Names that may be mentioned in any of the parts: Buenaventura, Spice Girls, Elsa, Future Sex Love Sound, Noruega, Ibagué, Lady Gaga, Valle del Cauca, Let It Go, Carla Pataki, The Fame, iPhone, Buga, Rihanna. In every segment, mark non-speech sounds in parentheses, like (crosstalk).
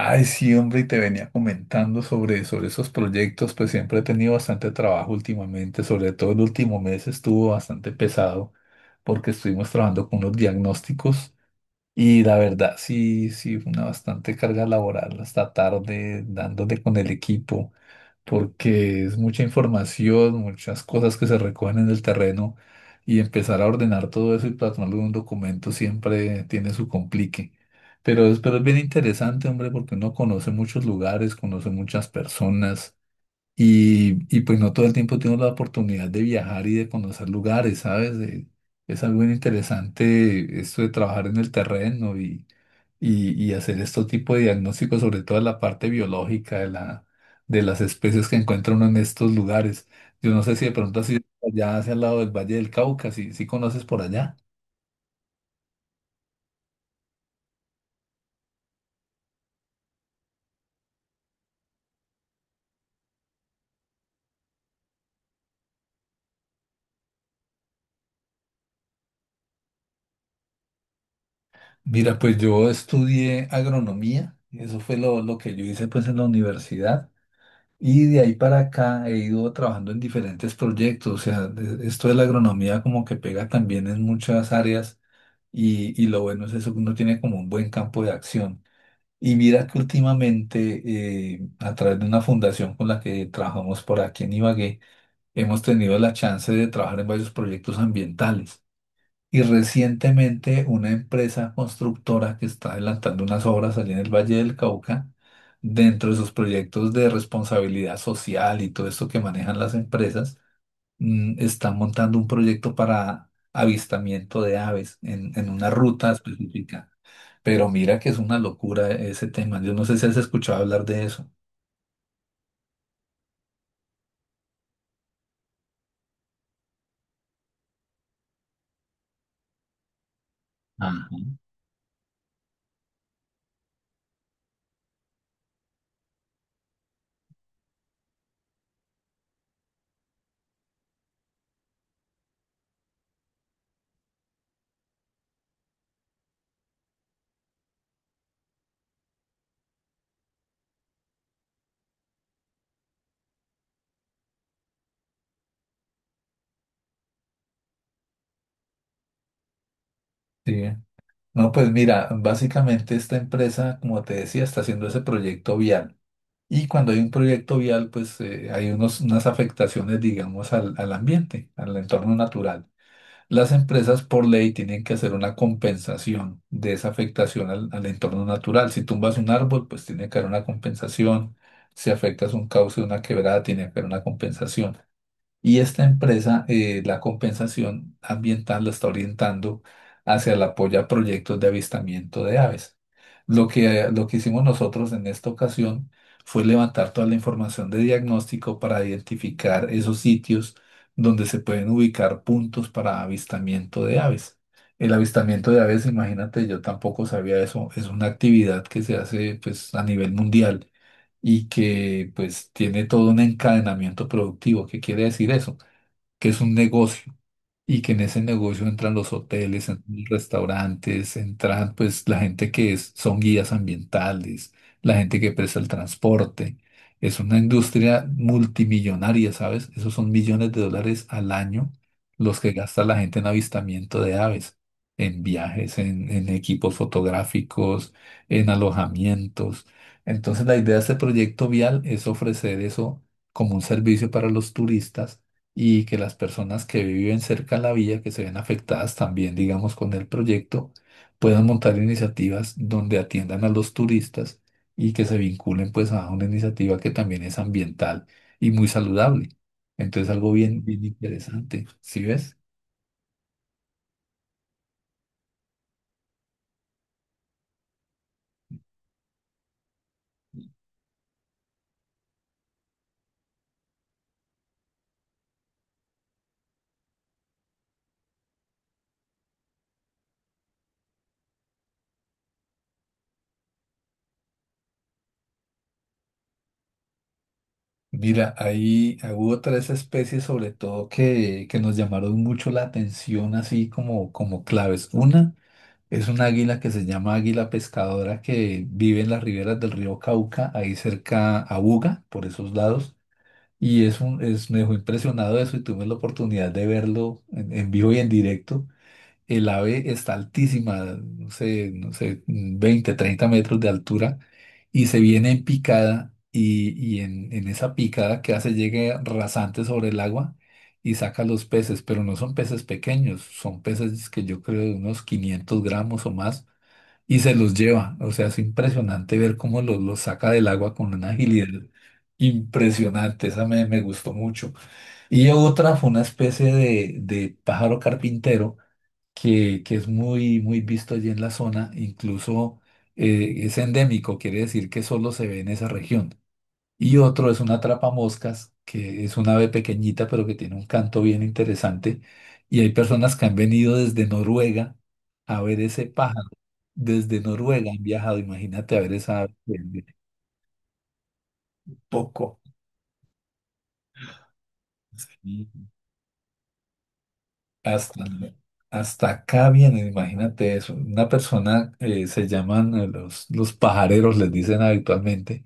Ay, sí, hombre, y te venía comentando sobre esos proyectos, pues siempre he tenido bastante trabajo últimamente, sobre todo el último mes estuvo bastante pesado porque estuvimos trabajando con unos diagnósticos y la verdad, sí, sí, fue una bastante carga laboral hasta tarde, dándole con el equipo, porque es mucha información, muchas cosas que se recogen en el terreno y empezar a ordenar todo eso y plasmarlo en un documento siempre tiene su complique. Pero es bien interesante, hombre, porque uno conoce muchos lugares, conoce muchas personas y pues no todo el tiempo tengo la oportunidad de viajar y de conocer lugares, ¿sabes? Es algo bien interesante esto de trabajar en el terreno y hacer este tipo de diagnósticos, sobre todo de la parte biológica de de las especies que encuentra uno en estos lugares. Yo no sé si de pronto has ido allá hacia el lado del Valle del Cauca, si, si conoces por allá. Mira, pues yo estudié agronomía, eso fue lo que yo hice pues en la universidad. Y de ahí para acá he ido trabajando en diferentes proyectos, o sea, esto de la agronomía como que pega también en muchas áreas y lo bueno es eso que uno tiene como un buen campo de acción. Y mira que últimamente a través de una fundación con la que trabajamos por aquí en Ibagué, hemos tenido la chance de trabajar en varios proyectos ambientales. Y recientemente una empresa constructora que está adelantando unas obras allí en el Valle del Cauca, dentro de sus proyectos de responsabilidad social y todo esto que manejan las empresas, está montando un proyecto para avistamiento de aves en una ruta específica. Pero mira que es una locura ese tema. Yo no sé si has escuchado hablar de eso. Ajá. Sí. No, pues mira, básicamente esta empresa, como te decía, está haciendo ese proyecto vial. Y cuando hay un proyecto vial, pues hay unas afectaciones, digamos, al, al ambiente, al entorno natural. Las empresas por ley tienen que hacer una compensación de esa afectación al, al entorno natural. Si tumbas un árbol, pues tiene que haber una compensación. Si afectas un cauce, una quebrada, tiene que haber una compensación. Y esta empresa, la compensación ambiental la está orientando hacia el apoyo a proyectos de avistamiento de aves. Lo que hicimos nosotros en esta ocasión fue levantar toda la información de diagnóstico para identificar esos sitios donde se pueden ubicar puntos para avistamiento de aves. El avistamiento de aves, imagínate, yo tampoco sabía eso, es una actividad que se hace pues a nivel mundial y que pues tiene todo un encadenamiento productivo. ¿Qué quiere decir eso? Que es un negocio y que en ese negocio entran los hoteles, entran los restaurantes, entran pues la gente que son guías ambientales, la gente que presta el transporte. Es una industria multimillonaria, ¿sabes? Esos son millones de dólares al año los que gasta la gente en avistamiento de aves, en viajes, en equipos fotográficos, en alojamientos. Entonces la idea de este proyecto vial es ofrecer eso como un servicio para los turistas y que las personas que viven cerca de la vía, que se ven afectadas también, digamos, con el proyecto, puedan montar iniciativas donde atiendan a los turistas y que se vinculen pues a una iniciativa que también es ambiental y muy saludable. Entonces algo bien, bien interesante, ¿sí ves? Mira, ahí ah, hubo tres especies sobre todo que nos llamaron mucho la atención así como, como claves. Una es un águila que se llama águila pescadora que vive en las riberas del río Cauca, ahí cerca a Buga, por esos lados. Y es un, es, me dejó impresionado eso y tuve la oportunidad de verlo en vivo y en directo. El ave está altísima, no sé, no sé, 20 o 30 metros de altura y se viene en picada y en esa picada que hace llega rasante sobre el agua y saca los peces, pero no son peces pequeños, son peces que yo creo de unos 500 gramos o más y se los lleva. O sea, es impresionante ver cómo los saca del agua con una agilidad impresionante. Esa me, me gustó mucho. Y otra fue una especie de pájaro carpintero que es muy, muy visto allí en la zona. Incluso es endémico, quiere decir que solo se ve en esa región. Y otro es una moscas que es una ave pequeñita, pero que tiene un canto bien interesante. Y hay personas que han venido desde Noruega a ver ese pájaro. Desde Noruega han viajado, imagínate a ver esa ave desde poco. Sí. Hasta, hasta acá vienen, imagínate eso. Una persona, se llaman los pajareros, les dicen habitualmente.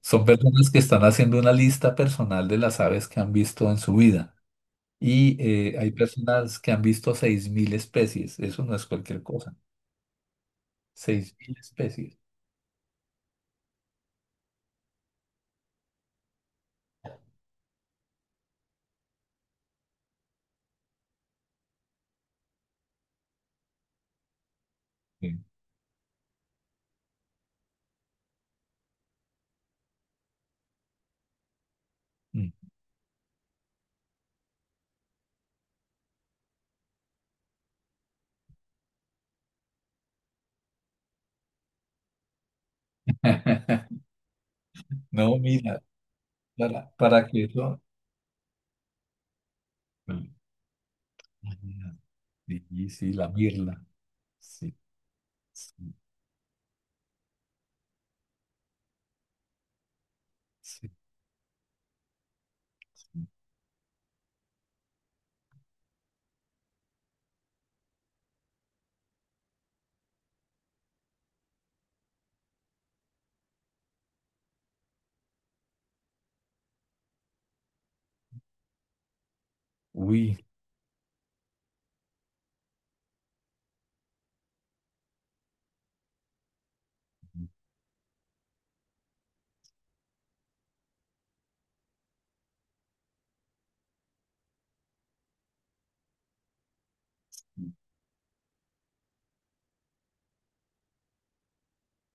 Son personas que están haciendo una lista personal de las aves que han visto en su vida. Y hay personas que han visto 6000 especies. Eso no es cualquier cosa. 6000 especies. Sí. Mm. (laughs) No, mira, para que eso... Ah, sí, sí, la mirla. Sí, sí, sí, sí. Uy.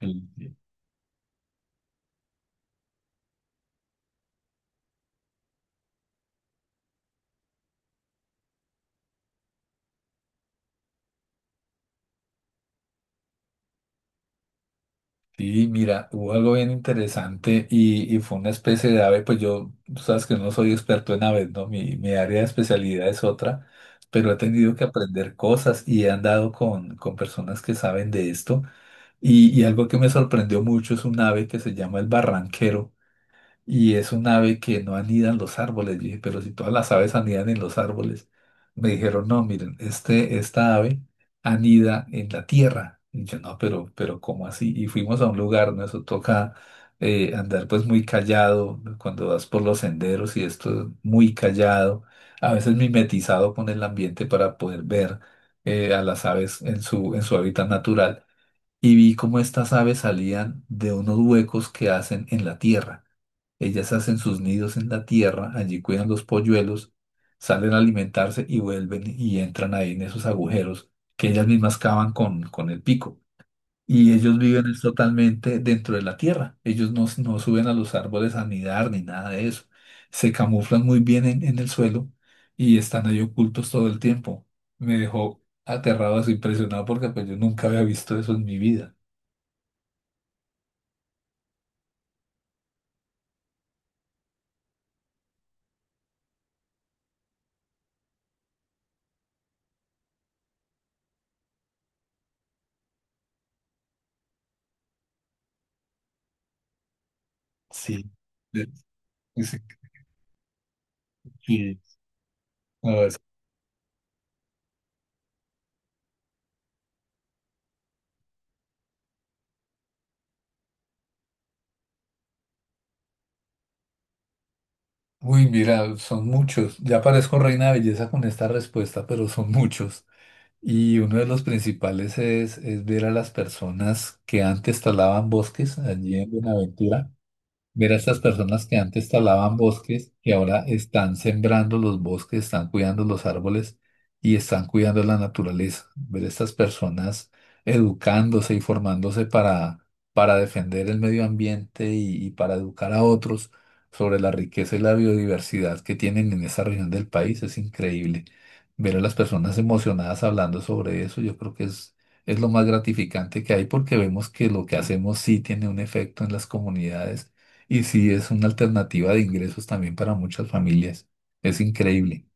el- Sí, mira, hubo algo bien interesante y fue una especie de ave, pues yo, tú sabes que no soy experto en aves, ¿no? Mi área de especialidad es otra, pero he tenido que aprender cosas y he andado con personas que saben de esto y algo que me sorprendió mucho es un ave que se llama el barranquero. Y es un ave que no anida en los árboles. Yo dije, pero si todas las aves anidan en los árboles. Me dijeron, no, miren, este, esta ave anida en la tierra. Y yo, no, pero ¿cómo así? Y fuimos a un lugar, ¿no? Eso toca andar pues muy callado, ¿no? Cuando vas por los senderos y esto muy callado. A veces mimetizado con el ambiente para poder ver a las aves en su hábitat natural. Y vi cómo estas aves salían de unos huecos que hacen en la tierra. Ellas hacen sus nidos en la tierra, allí cuidan los polluelos, salen a alimentarse y vuelven y entran ahí en esos agujeros que ellas mismas cavan con el pico. Y ellos viven es totalmente dentro de la tierra. Ellos no, no suben a los árboles a nidar ni nada de eso. Se camuflan muy bien en el suelo y están ahí ocultos todo el tiempo. Me dejó aterrado, así impresionado porque pues yo nunca había visto eso en mi vida. Sí. Sí, sí, sí. Uy, mira, son muchos. Ya parezco reina de belleza con esta respuesta, pero son muchos. Y uno de los principales es ver a las personas que antes talaban bosques allí en Buenaventura. Ver a estas personas que antes talaban bosques y ahora están sembrando los bosques, están cuidando los árboles y están cuidando la naturaleza. Ver a estas personas educándose y formándose para defender el medio ambiente y para educar a otros sobre la riqueza y la biodiversidad que tienen en esa región del país es increíble. Ver a las personas emocionadas hablando sobre eso, yo creo que es lo más gratificante que hay porque vemos que lo que hacemos sí tiene un efecto en las comunidades y sí, es una alternativa de ingresos también para muchas familias. Es increíble.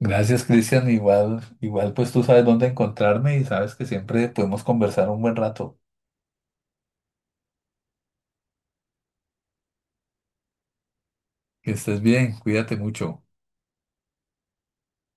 Gracias, Cristian. Igual, igual, pues tú sabes dónde encontrarme y sabes que siempre podemos conversar un buen rato. Que estés bien, cuídate mucho.